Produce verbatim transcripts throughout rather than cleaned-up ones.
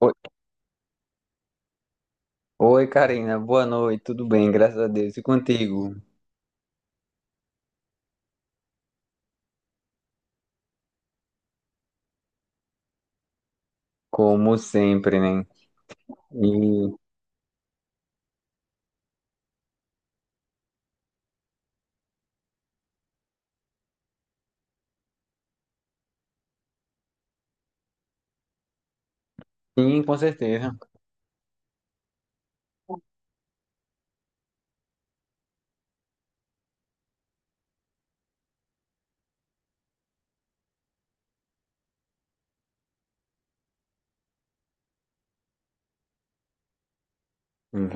Oi, oi, Karina, boa noite, tudo bem, graças a Deus. E contigo, como sempre, né? E sim, com certeza.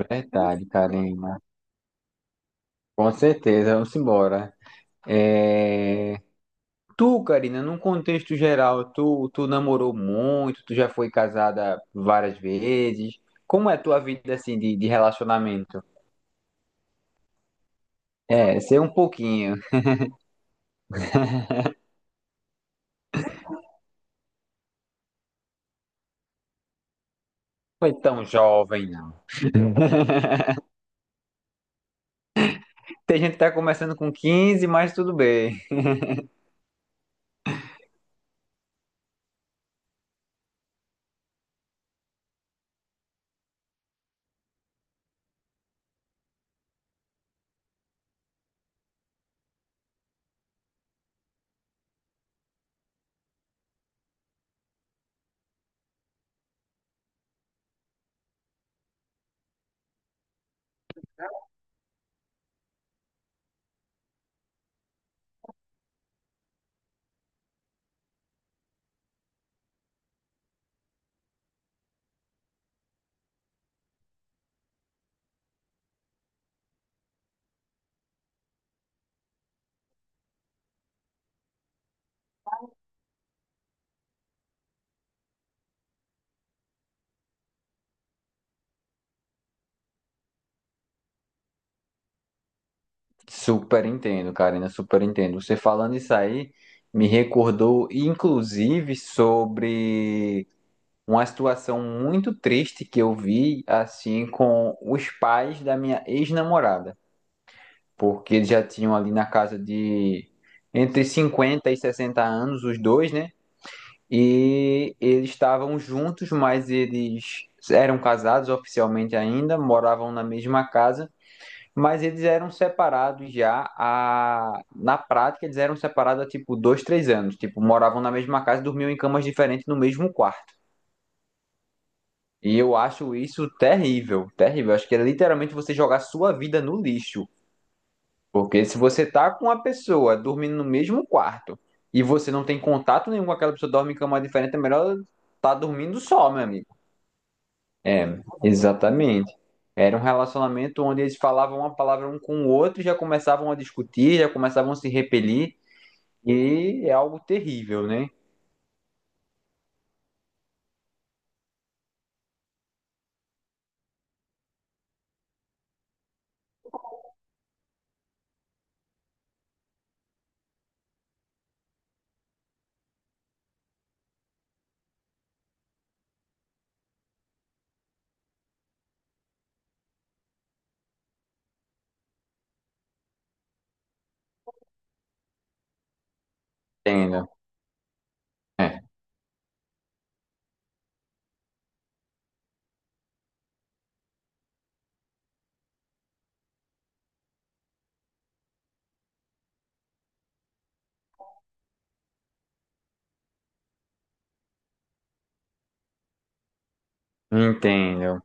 Verdade, Karina. Com certeza, vamos embora. É... Tu, Karina, num contexto geral, tu, tu namorou muito, tu já foi casada várias vezes. Como é a tua vida assim de, de relacionamento? É, ser um pouquinho. Foi tão jovem, não. Tem gente que tá começando com quinze, mas tudo bem. Super entendo, Karina, super entendo. Você falando isso aí me recordou, inclusive, sobre uma situação muito triste que eu vi, assim, com os pais da minha ex-namorada, porque eles já tinham ali na casa de entre cinquenta e sessenta anos, os dois, né? E eles estavam juntos, mas eles eram casados oficialmente ainda, moravam na mesma casa. Mas eles eram separados já a... na prática, eles eram separados há tipo dois, três anos. Tipo, moravam na mesma casa e dormiam em camas diferentes no mesmo quarto. E eu acho isso terrível, terrível. Acho que é literalmente você jogar sua vida no lixo. Porque se você tá com uma pessoa dormindo no mesmo quarto e você não tem contato nenhum com aquela pessoa, dorme em cama diferente, é melhor tá dormindo só, meu amigo. É, exatamente. Era um relacionamento onde eles falavam uma palavra um com o outro, e já começavam a discutir, já começavam a se repelir, e é algo terrível, né? Entendo. É, entendo.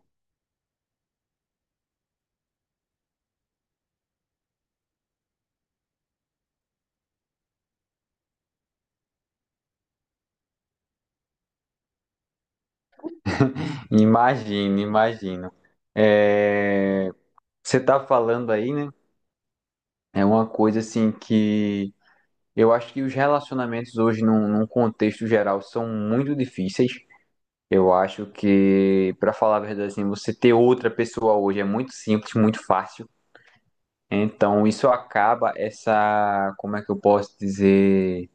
Imagino, imagino. É, você tá falando aí, né? É uma coisa assim que eu acho que os relacionamentos hoje, num, num contexto geral, são muito difíceis. Eu acho que, pra falar a verdade, assim, você ter outra pessoa hoje é muito simples, muito fácil. Então, isso acaba essa, como é que eu posso dizer,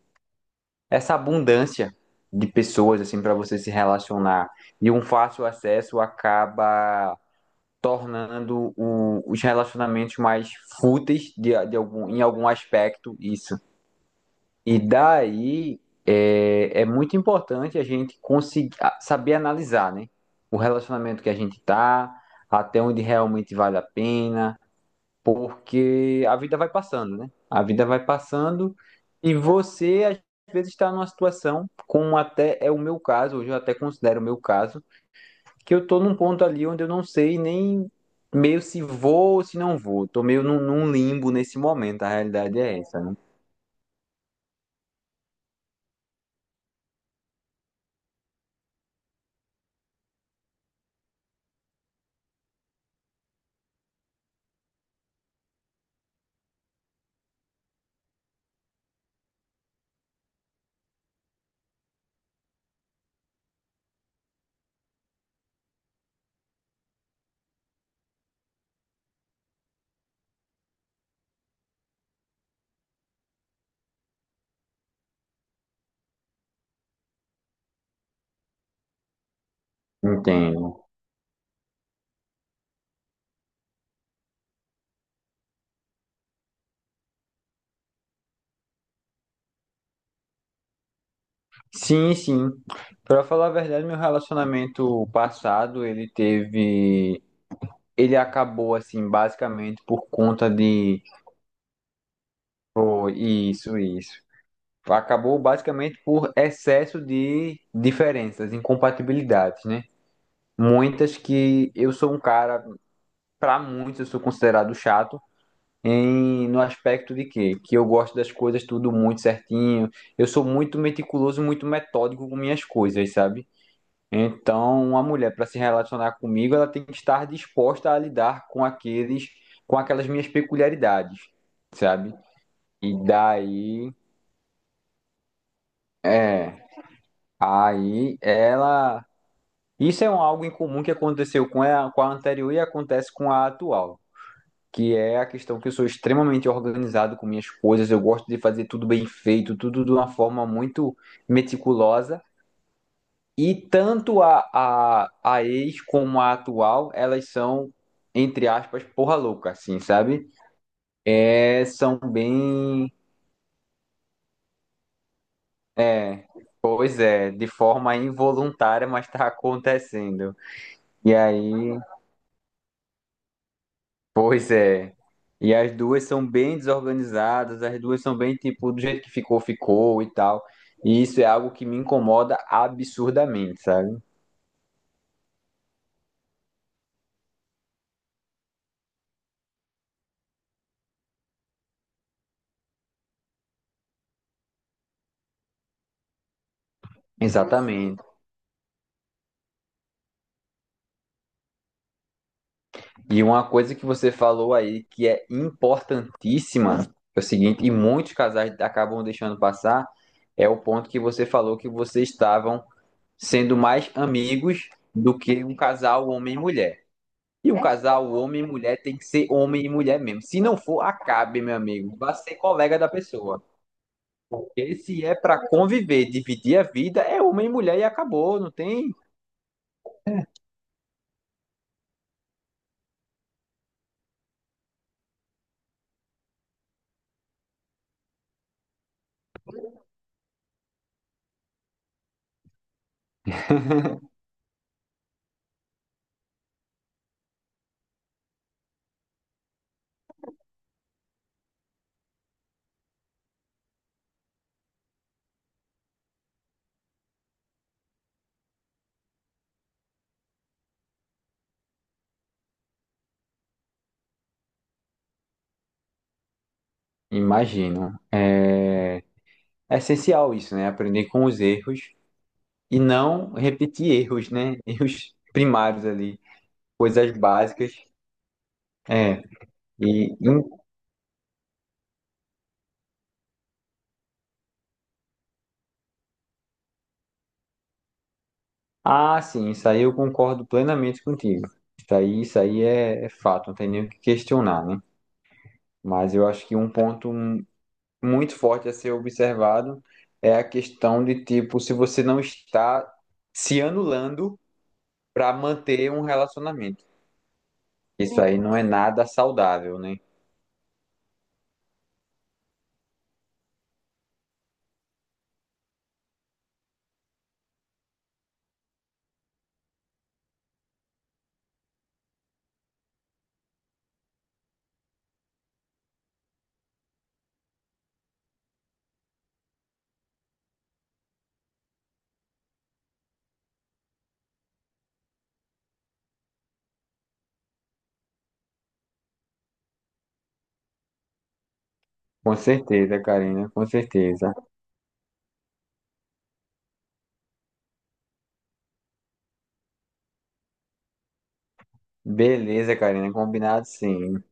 essa abundância de pessoas assim para você se relacionar e um fácil acesso acaba tornando o- os relacionamentos mais fúteis de, de algum, em algum aspecto isso. E daí é, é muito importante a gente conseguir a- saber analisar, né? O relacionamento que a gente tá, até onde realmente vale a pena porque a vida vai passando, né? A vida vai passando e você às vezes está numa situação, como até é o meu caso, hoje eu até considero o meu caso, que eu tô num ponto ali onde eu não sei nem meio se vou ou se não vou. Tô meio num, num limbo nesse momento, a realidade é essa, né? Entendo. Sim, sim. Para falar a verdade, meu relacionamento passado, ele teve ele acabou assim basicamente por conta de oh, isso, isso. Acabou basicamente por excesso de diferenças, incompatibilidades, né? Muitas que eu sou um cara, para muitos eu sou considerado chato, em, no aspecto de que, que eu gosto das coisas tudo muito certinho, eu sou muito meticuloso, muito metódico com minhas coisas, sabe? Então, uma mulher para se relacionar comigo, ela tem que estar disposta a lidar com aqueles, com aquelas minhas peculiaridades, sabe? E daí, é, aí ela isso é um algo em comum que aconteceu com a, com a anterior e acontece com a atual, que é a questão que eu sou extremamente organizado com minhas coisas, eu gosto de fazer tudo bem feito, tudo de uma forma muito meticulosa, e tanto a, a, a ex como a atual, elas são, entre aspas, porra louca, assim, sabe? É, são bem. É, pois é, de forma involuntária, mas tá acontecendo. E aí. Pois é. E as duas são bem desorganizadas, as duas são bem tipo, do jeito que ficou, ficou e tal. E isso é algo que me incomoda absurdamente, sabe? Exatamente. E uma coisa que você falou aí que é importantíssima, é o seguinte, e muitos casais acabam deixando passar, é o ponto que você falou que vocês estavam sendo mais amigos do que um casal homem e mulher. E um É, casal, homem e mulher, tem que ser homem e mulher mesmo. Se não for, acabe, meu amigo. Vá ser colega da pessoa. Porque se é pra conviver, dividir a vida, é homem e mulher e acabou, não tem? Imagino. É... é essencial isso, né? Aprender com os erros e não repetir erros, né? Erros primários ali, coisas básicas. É. E, e- Ah, sim, isso aí eu concordo plenamente contigo. Isso aí, isso aí é, é fato, não tem nem o que questionar, né? Mas eu acho que um ponto muito forte a ser observado é a questão de tipo se você não está se anulando para manter um relacionamento. Isso aí não é nada saudável, né? Com certeza, Karina, com certeza. Beleza, Karina, combinado sim.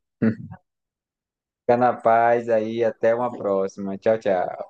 Fica na paz aí, até uma próxima. Tchau, tchau.